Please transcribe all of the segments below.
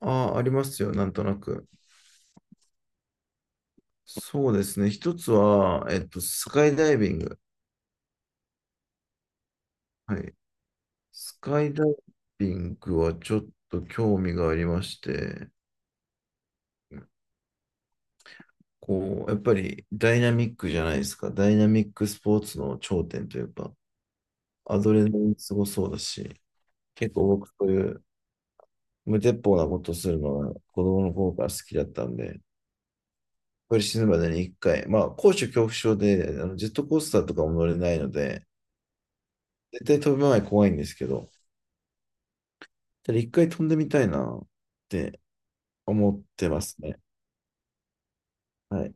ああ、ありますよ、なんとなく。そうですね。一つは、スカイダイビング。はい。スカイダイビングはちょっと興味がありまして、こう、やっぱりダイナミックじゃないですか。ダイナミックスポーツの頂点というか、アドレナリンすごそうだし、結構僕そういう無鉄砲なことするのが子供の頃から好きだったんで、これ死ぬまでに一回、まあ、高所恐怖症で、ジェットコースターとかも乗れないので、絶対飛ぶ前怖いんですけど、一回飛んでみたいなって思ってますね。はい。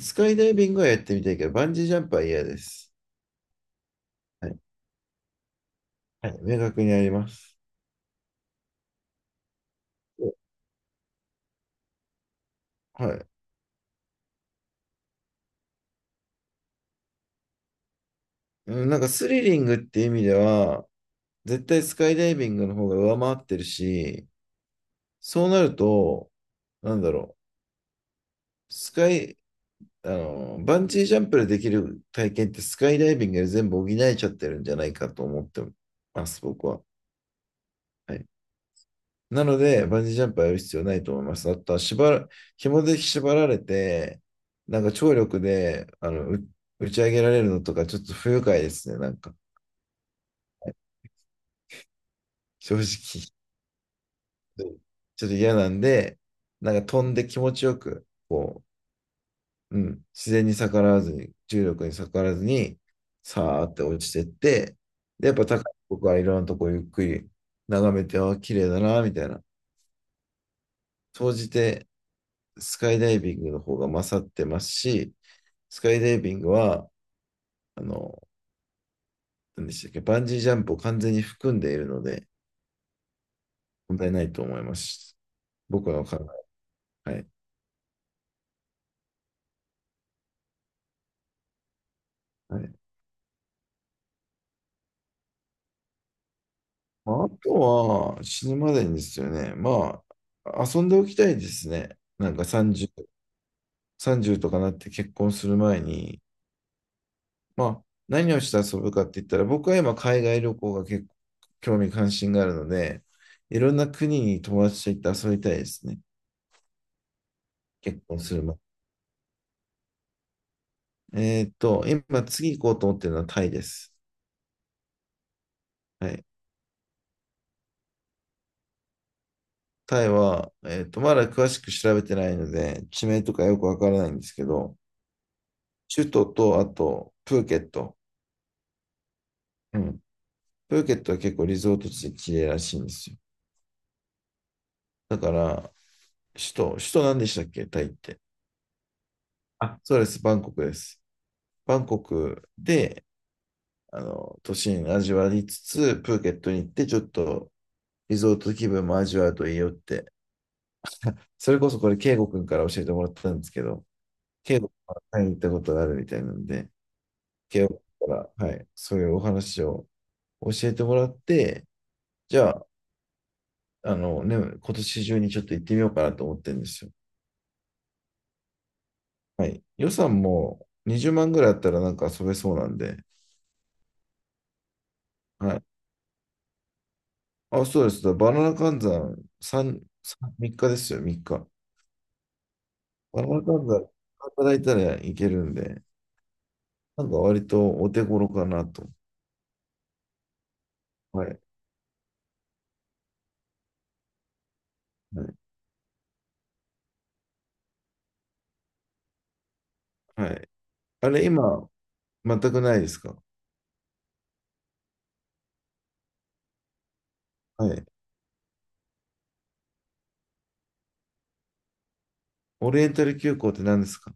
スカイダイビングはやってみたいけど、バンジージャンプは嫌です。はい。はい、明確にあります。そう、はい。うんなんかスリリングっていう意味では、絶対スカイダイビングの方が上回ってるし、そうなると、なんだろスカイ、バンジージャンプでできる体験ってスカイダイビングで全部補えちゃってるんじゃないかと思ってます、僕は。はい。なので、バンジージャンプはやる必要ないと思います。あとは、紐で縛られて、なんか張力で、打ち上げられるのとか、ちょっと不愉快ですね、なんか。正直、ちょっと嫌なんで、なんか飛んで気持ちよく、自然に逆らわずに、重力に逆らわずに、さーって落ちてって、で、やっぱ高い僕はいろんなとこゆっくり眺めて、あー、綺麗だな、みたいな。総じて、スカイダイビングの方が勝ってますし、スカイダイビングは、あの、何でしたっけ、バンジージャンプを完全に含んでいるので、問題ないと思います。僕の考え。はい。はい、まああとは、死ぬまでにですよね。まあ、遊んでおきたいですね。なんか30とかなって結婚する前に、まあ、何をして遊ぶかって言ったら、僕は今、海外旅行が結構興味関心があるので、いろんな国に友達と行って遊びたいですね。結婚する前に今次行こうと思ってるのはタイです。はい。タイは、まだ詳しく調べてないので、地名とかよくわからないんですけど、首都と、あと、プーケット。うん。プーケットは結構リゾート地で綺麗らしいんですよ。だから、首都何でしたっけタイって。あ、そうです。バンコクです。バンコクで、都心味わいつつ、プーケットに行って、ちょっとリゾート気分も味わうといいよって。それこそこれ、圭吾君から教えてもらったんですけど、はい、行ったことがあるみたいなんで、慶応から、はい、そういうお話を教えてもらって、じゃあ、今年中にちょっと行ってみようかなと思ってるんですよ。はい。予算も20万ぐらいあったらなんか遊べそうなんで、はい。あ、そうです。だからバナナ換算3日ですよ、3日。バナナ換算働いたらいけるんで、なんか割とお手頃かなと。はい。はい。はい、あれ、今、全くないですか？はい。オリエンタル急行って何ですか？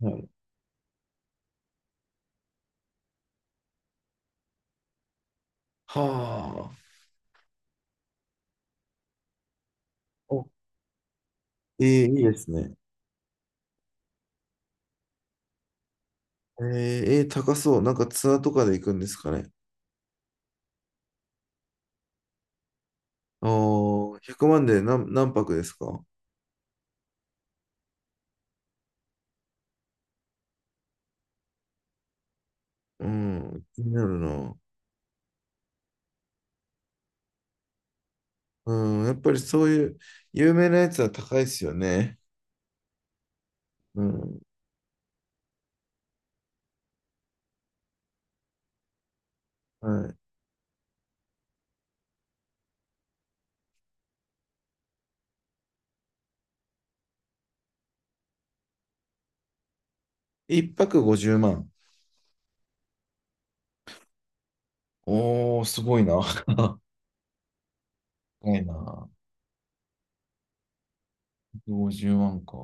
はい。はあ。お、えー、いいですね。えー、えー高そう。なんかツアーとかで行くんですかね。ああ、100万で何泊ですか？うん、気になるな。うん、やっぱりそういう有名なやつは高いですよね。うん、はい。1泊50万。おー、すごいな。高いな。50万か。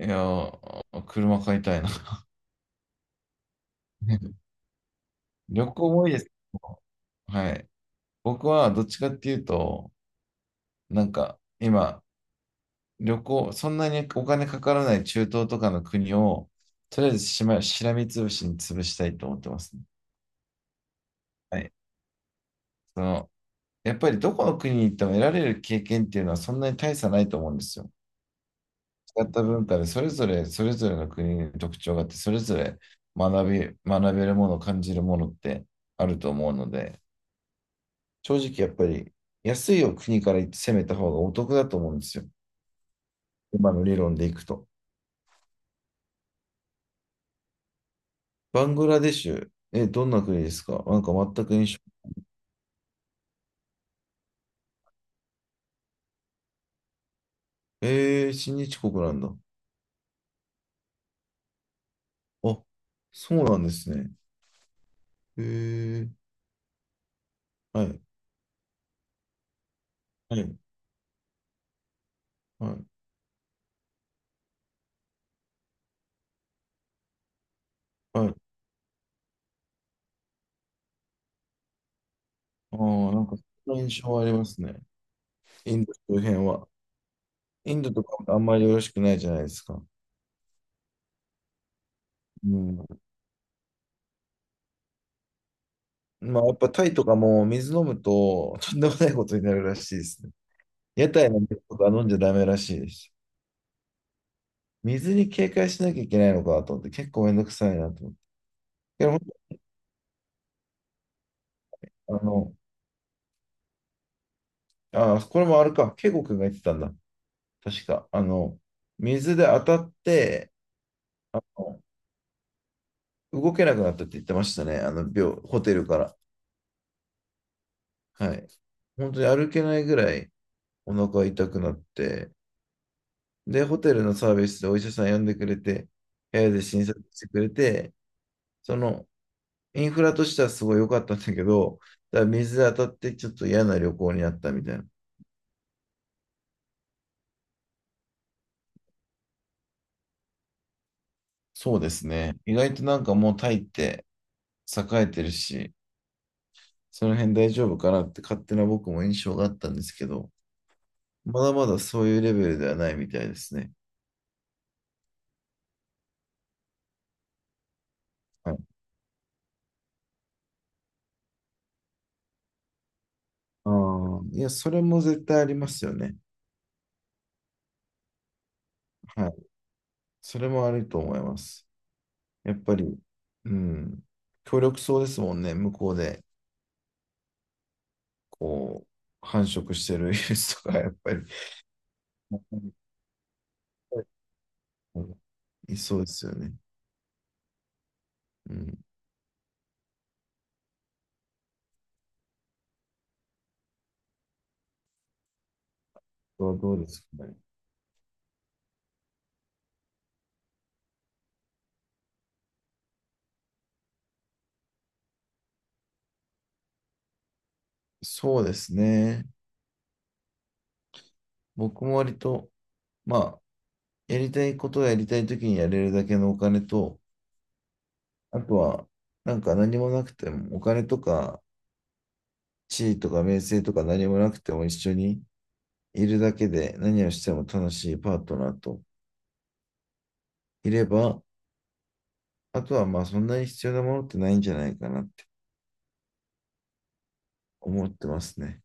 いやー、車買いたいな。旅行もいいですけど。はい。僕はどっちかっていうと、なんか今、旅行、そんなにお金かからない中東とかの国を、とりあえずしらみつぶしに潰したいと思ってますね。はい。その、やっぱりどこの国に行っても得られる経験っていうのはそんなに大差ないと思うんですよ。違った文化でそれぞれの国に特徴があって、それぞれ学べるもの、感じるものってあると思うので、正直やっぱり安いを国から攻めた方がお得だと思うんですよ。今の理論でいくと。バングラデシュ、え、どんな国ですか？なんか全く印象。えー、親日国なんだ。あ、そうなんですね。えー、はい、はい、はい、はい。ああ、なんか、そんな印象はありますね。インド周辺は。インドとかもあんまりよろしくないじゃないですか。うん。まあ、やっぱタイとかも水飲むと、とんでもないことになるらしいですね。屋台の水とか飲んじゃダメらしいです。水に警戒しなきゃいけないのかと思って、結構めんどくさいなと思って。でも、あの、ああ、これもあるか。ケイゴくんが言ってたんだ。確か。水で当たって、あの、動けなくなったって言ってましたね。ホテルから。はい。本当に歩けないぐらいお腹痛くなって、で、ホテルのサービスでお医者さん呼んでくれて、部屋で診察してくれて、その、インフラとしてはすごい良かったんだけど、ただ水で当たってちょっと嫌な旅行になったみたいな。そうですね。意外となんかもうタイって栄えてるし、その辺大丈夫かなって勝手な僕も印象があったんですけど、まだまだそういうレベルではないみたいですね。はい。ああ、いや、それも絶対ありますよね。はい。それもあると思います。やっぱり、うん。協力そうですもんね。向こうで、こ繁殖してるウイルスとか、やっぱり。うんいそうですよね。うん。これはどうですかね。そうですね。僕も割と、まあ、やりたいことをやりたいときにやれるだけのお金と、あとは、なんか何もなくても、お金とか地位とか名声とか何もなくても一緒にいるだけで何をしても楽しいパートナーといれば、あとはまあそんなに必要なものってないんじゃないかなって思ってますね。